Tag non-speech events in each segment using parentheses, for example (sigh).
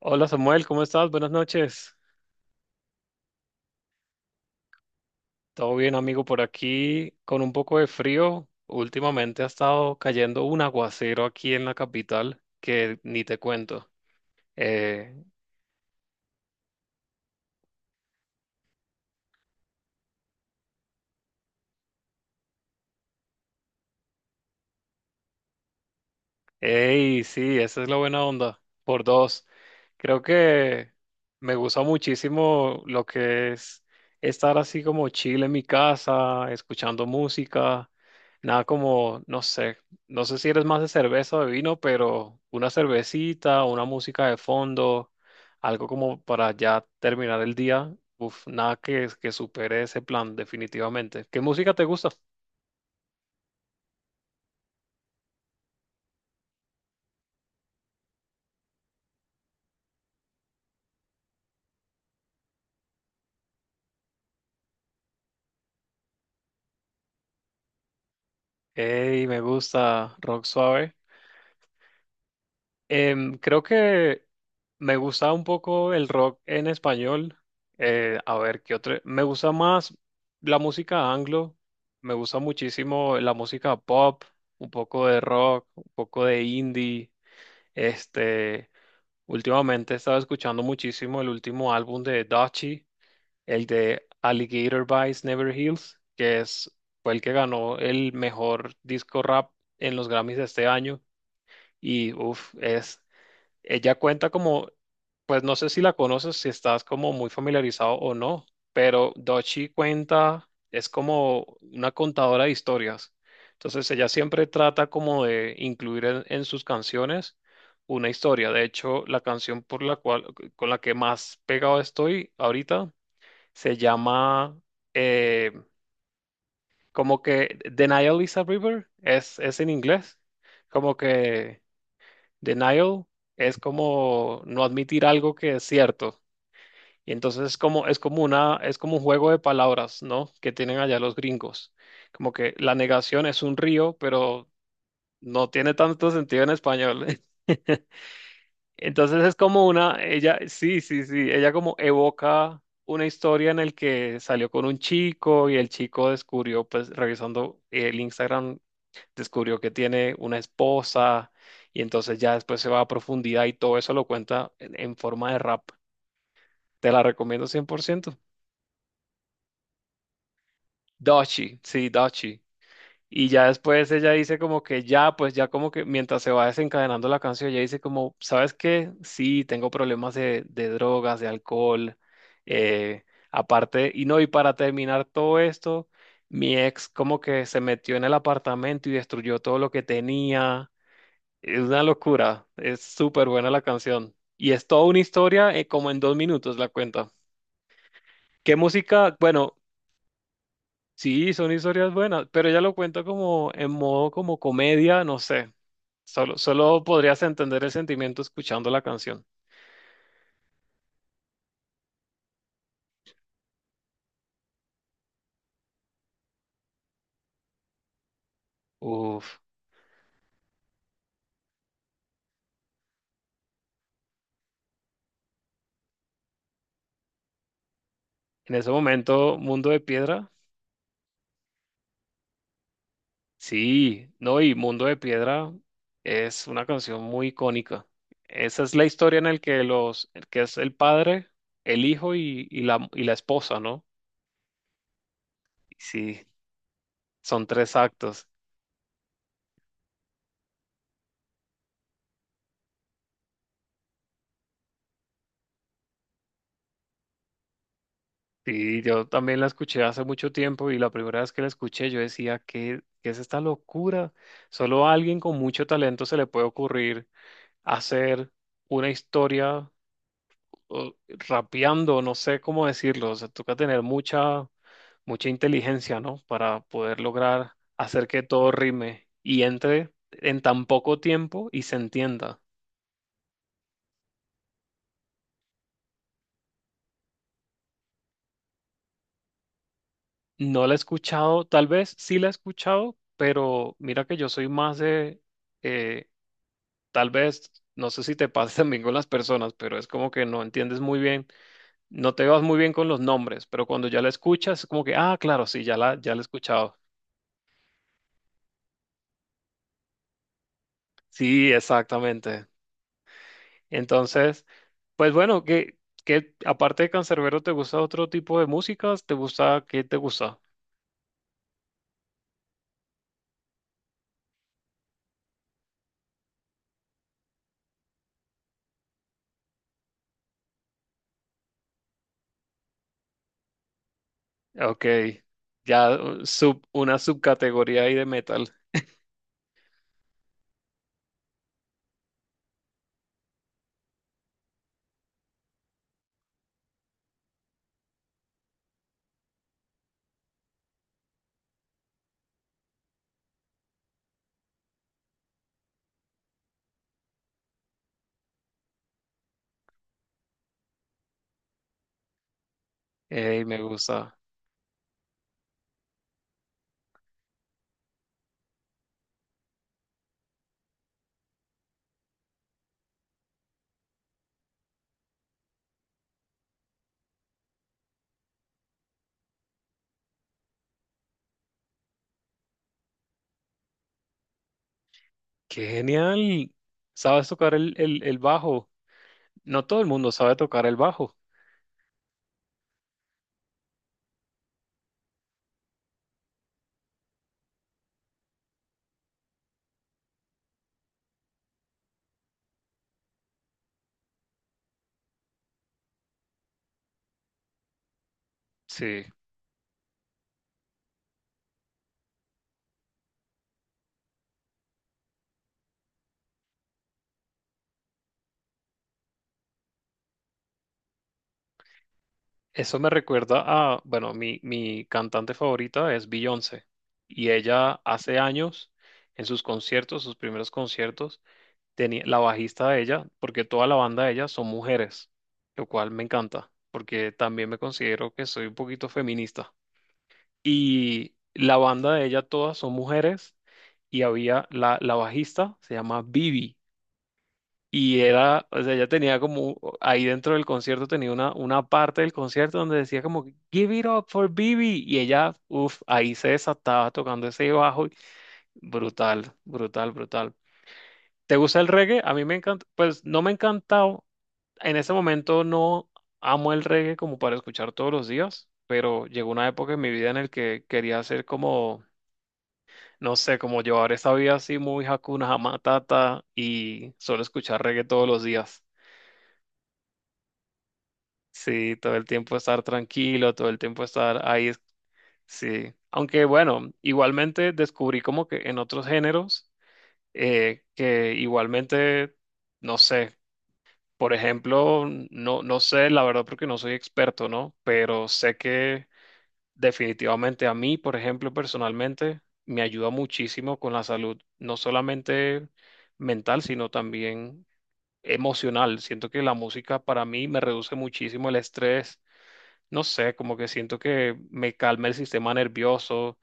Hola Samuel, ¿cómo estás? Buenas noches. Todo bien, amigo, por aquí con un poco de frío. Últimamente ha estado cayendo un aguacero aquí en la capital que ni te cuento. Eh, Ey, sí, esa es la buena onda. Por dos. Creo que me gusta muchísimo lo que es estar así como chill en mi casa, escuchando música. Nada como, no sé, no sé si eres más de cerveza o de vino, pero una cervecita, una música de fondo, algo como para ya terminar el día. Uf, nada que supere ese plan, definitivamente. ¿Qué música te gusta? Ey, me gusta rock suave. Creo que me gusta un poco el rock en español. A ver, ¿qué otro? Me gusta más la música anglo. Me gusta muchísimo la música pop, un poco de rock, un poco de indie. Este, Últimamente he estado escuchando muchísimo el último álbum de Dachi, el de Alligator Bites Never Heals, fue el que ganó el mejor disco rap en los Grammys de este año. Y uff, es ella cuenta como, pues no sé si la conoces, si estás como muy familiarizado o no, pero Dochi cuenta, es como una contadora de historias. Entonces ella siempre trata como de incluir en sus canciones una historia. De hecho, la canción por la cual, con la que más pegado estoy ahorita se llama eh, como que Denial is a River, es en inglés, como que... Denial es como no admitir algo que es cierto. Y entonces es como, es como un juego de palabras, ¿no? Que tienen allá los gringos. Como que la negación es un río, pero no tiene tanto sentido en español. (laughs) Entonces es como una, ella, sí, sí, sí, ella como evoca una historia en el que salió con un chico y el chico descubrió, pues revisando el Instagram descubrió que tiene una esposa y entonces ya después se va a profundidad y todo eso lo cuenta en forma de rap. Te la recomiendo 100%. Dachi, sí, Dachi. Y ya después ella dice como que ya, pues ya como que mientras se va desencadenando la canción, ella dice como, ¿sabes qué? Sí, tengo problemas de drogas, de alcohol, eh, aparte, y no, y para terminar todo esto, mi ex como que se metió en el apartamento y destruyó todo lo que tenía. Es una locura, es súper buena la canción. Y es toda una historia, como en 2 minutos la cuenta. ¿Qué música? Bueno, sí, son historias buenas, pero ella lo cuenta como en modo como comedia, no sé. Solo podrías entender el sentimiento escuchando la canción. Uf, en ese momento, Mundo de Piedra. Sí, no, y Mundo de Piedra es una canción muy icónica. Esa es la historia en la que los, que es el padre, el hijo y la esposa, ¿no? Sí, son 3 actos. Y yo también la escuché hace mucho tiempo y la primera vez que la escuché yo decía, ¿qué es esta locura? Solo a alguien con mucho talento se le puede ocurrir hacer una historia o rapeando, no sé cómo decirlo, o sea, toca tener mucha, mucha inteligencia, ¿no? Para poder lograr hacer que todo rime y entre en tan poco tiempo y se entienda. No la he escuchado, tal vez sí la he escuchado, pero mira que yo soy más de, eh, tal vez, no sé si te (laughs) pasa también con las personas, pero es como que no entiendes muy bien, no te vas muy bien con los nombres, pero cuando ya la escuchas es como que, ah, claro, sí, ya la he escuchado. Sí, exactamente. Entonces, pues bueno, que aparte de Canserbero, ¿te gusta otro tipo de músicas? ¿Te gusta qué te gusta? Ok, ya una subcategoría ahí de metal. Ey, me gusta. ¡Qué genial! ¿Sabes tocar el bajo? No todo el mundo sabe tocar el bajo. Sí. Eso me recuerda a, bueno, mi cantante favorita es Beyoncé. Y ella hace años, en sus conciertos, sus primeros conciertos, tenía la bajista de ella, porque toda la banda de ella son mujeres, lo cual me encanta, porque también me considero que soy un poquito feminista. Y la banda de ella todas son mujeres y había la bajista, se llama Bibi. Y era, o sea, ella tenía como, ahí dentro del concierto tenía una parte del concierto donde decía como, Give it up for Bibi. Y ella, uff, ahí se desataba tocando ese bajo. Y brutal, brutal, brutal. ¿Te gusta el reggae? A mí me encanta, pues no me encanta, en ese momento no amo el reggae como para escuchar todos los días, pero llegó una época en mi vida en el que quería hacer como, no sé, como llevar esa vida así muy Hakuna Matata y solo escuchar reggae todos los días. Sí, todo el tiempo estar tranquilo, todo el tiempo estar ahí. Es- sí, aunque bueno, igualmente descubrí como que en otros géneros que igualmente, no sé. Por ejemplo, no sé, la verdad, porque no soy experto, ¿no? Pero sé que definitivamente a mí, por ejemplo, personalmente, me ayuda muchísimo con la salud, no solamente mental, sino también emocional. Siento que la música para mí me reduce muchísimo el estrés. No sé, como que siento que me calma el sistema nervioso,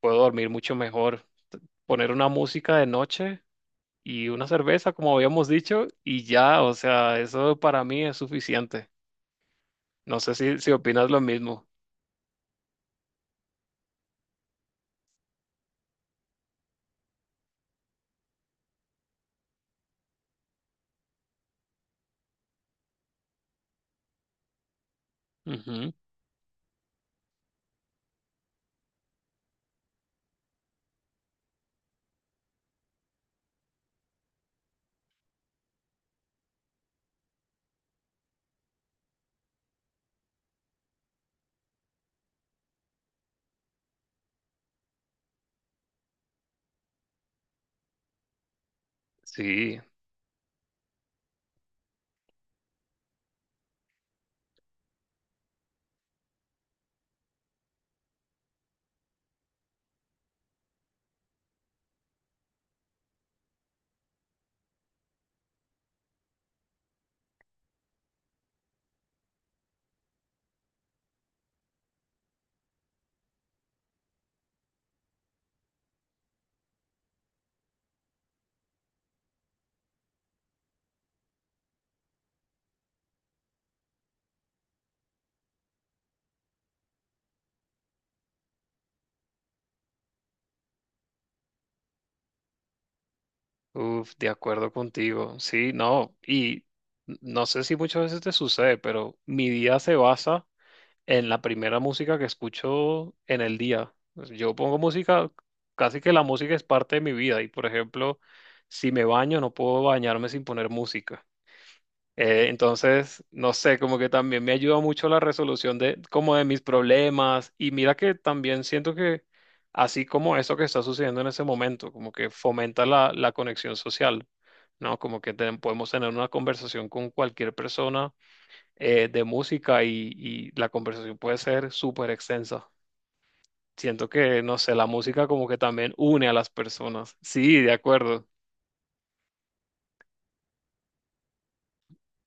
puedo dormir mucho mejor. T- poner una música de noche y una cerveza, como habíamos dicho, y ya, o sea, eso para mí es suficiente. No sé si opinas lo mismo. Ujú. Sí. Uf, de acuerdo contigo. Sí, no, y no sé si muchas veces te sucede, pero mi día se basa en la primera música que escucho en el día. Pues, yo pongo música, casi que la música es parte de mi vida y, por ejemplo, si me baño, no puedo bañarme sin poner música. Entonces, no sé, como que también me ayuda mucho la resolución de como de mis problemas y mira que también siento que así como eso que está sucediendo en ese momento, como que fomenta la conexión social, ¿no? Como que ten- podemos tener una conversación con cualquier persona de música y la conversación puede ser súper extensa. Siento que, no sé, la música como que también une a las personas. Sí, de acuerdo.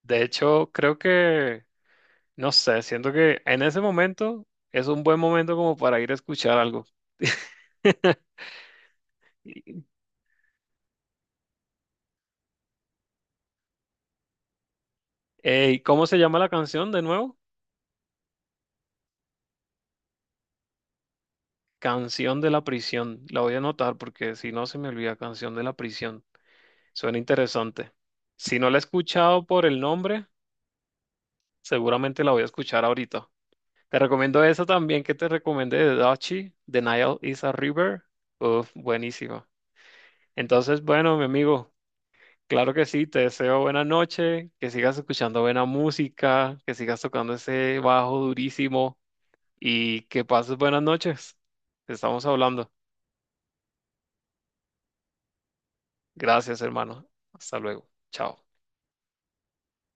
De hecho, creo que... No sé, siento que en ese momento es un buen momento como para ir a escuchar algo. (laughs) Y- Ey, ¿cómo se llama la canción de nuevo? Canción de la Prisión. La voy a anotar porque si no se me olvida, Canción de la Prisión. Suena interesante. Si no la he escuchado por el nombre, seguramente la voy a escuchar ahorita. Te recomiendo esa también que te recomendé de Dachi, The Nile is a River. Uf, buenísima. Entonces, bueno, mi amigo. Claro que sí, te deseo buena noche, que sigas escuchando buena música, que sigas tocando ese bajo durísimo y que pases buenas noches. Estamos hablando. Gracias, hermano. Hasta luego. Chao.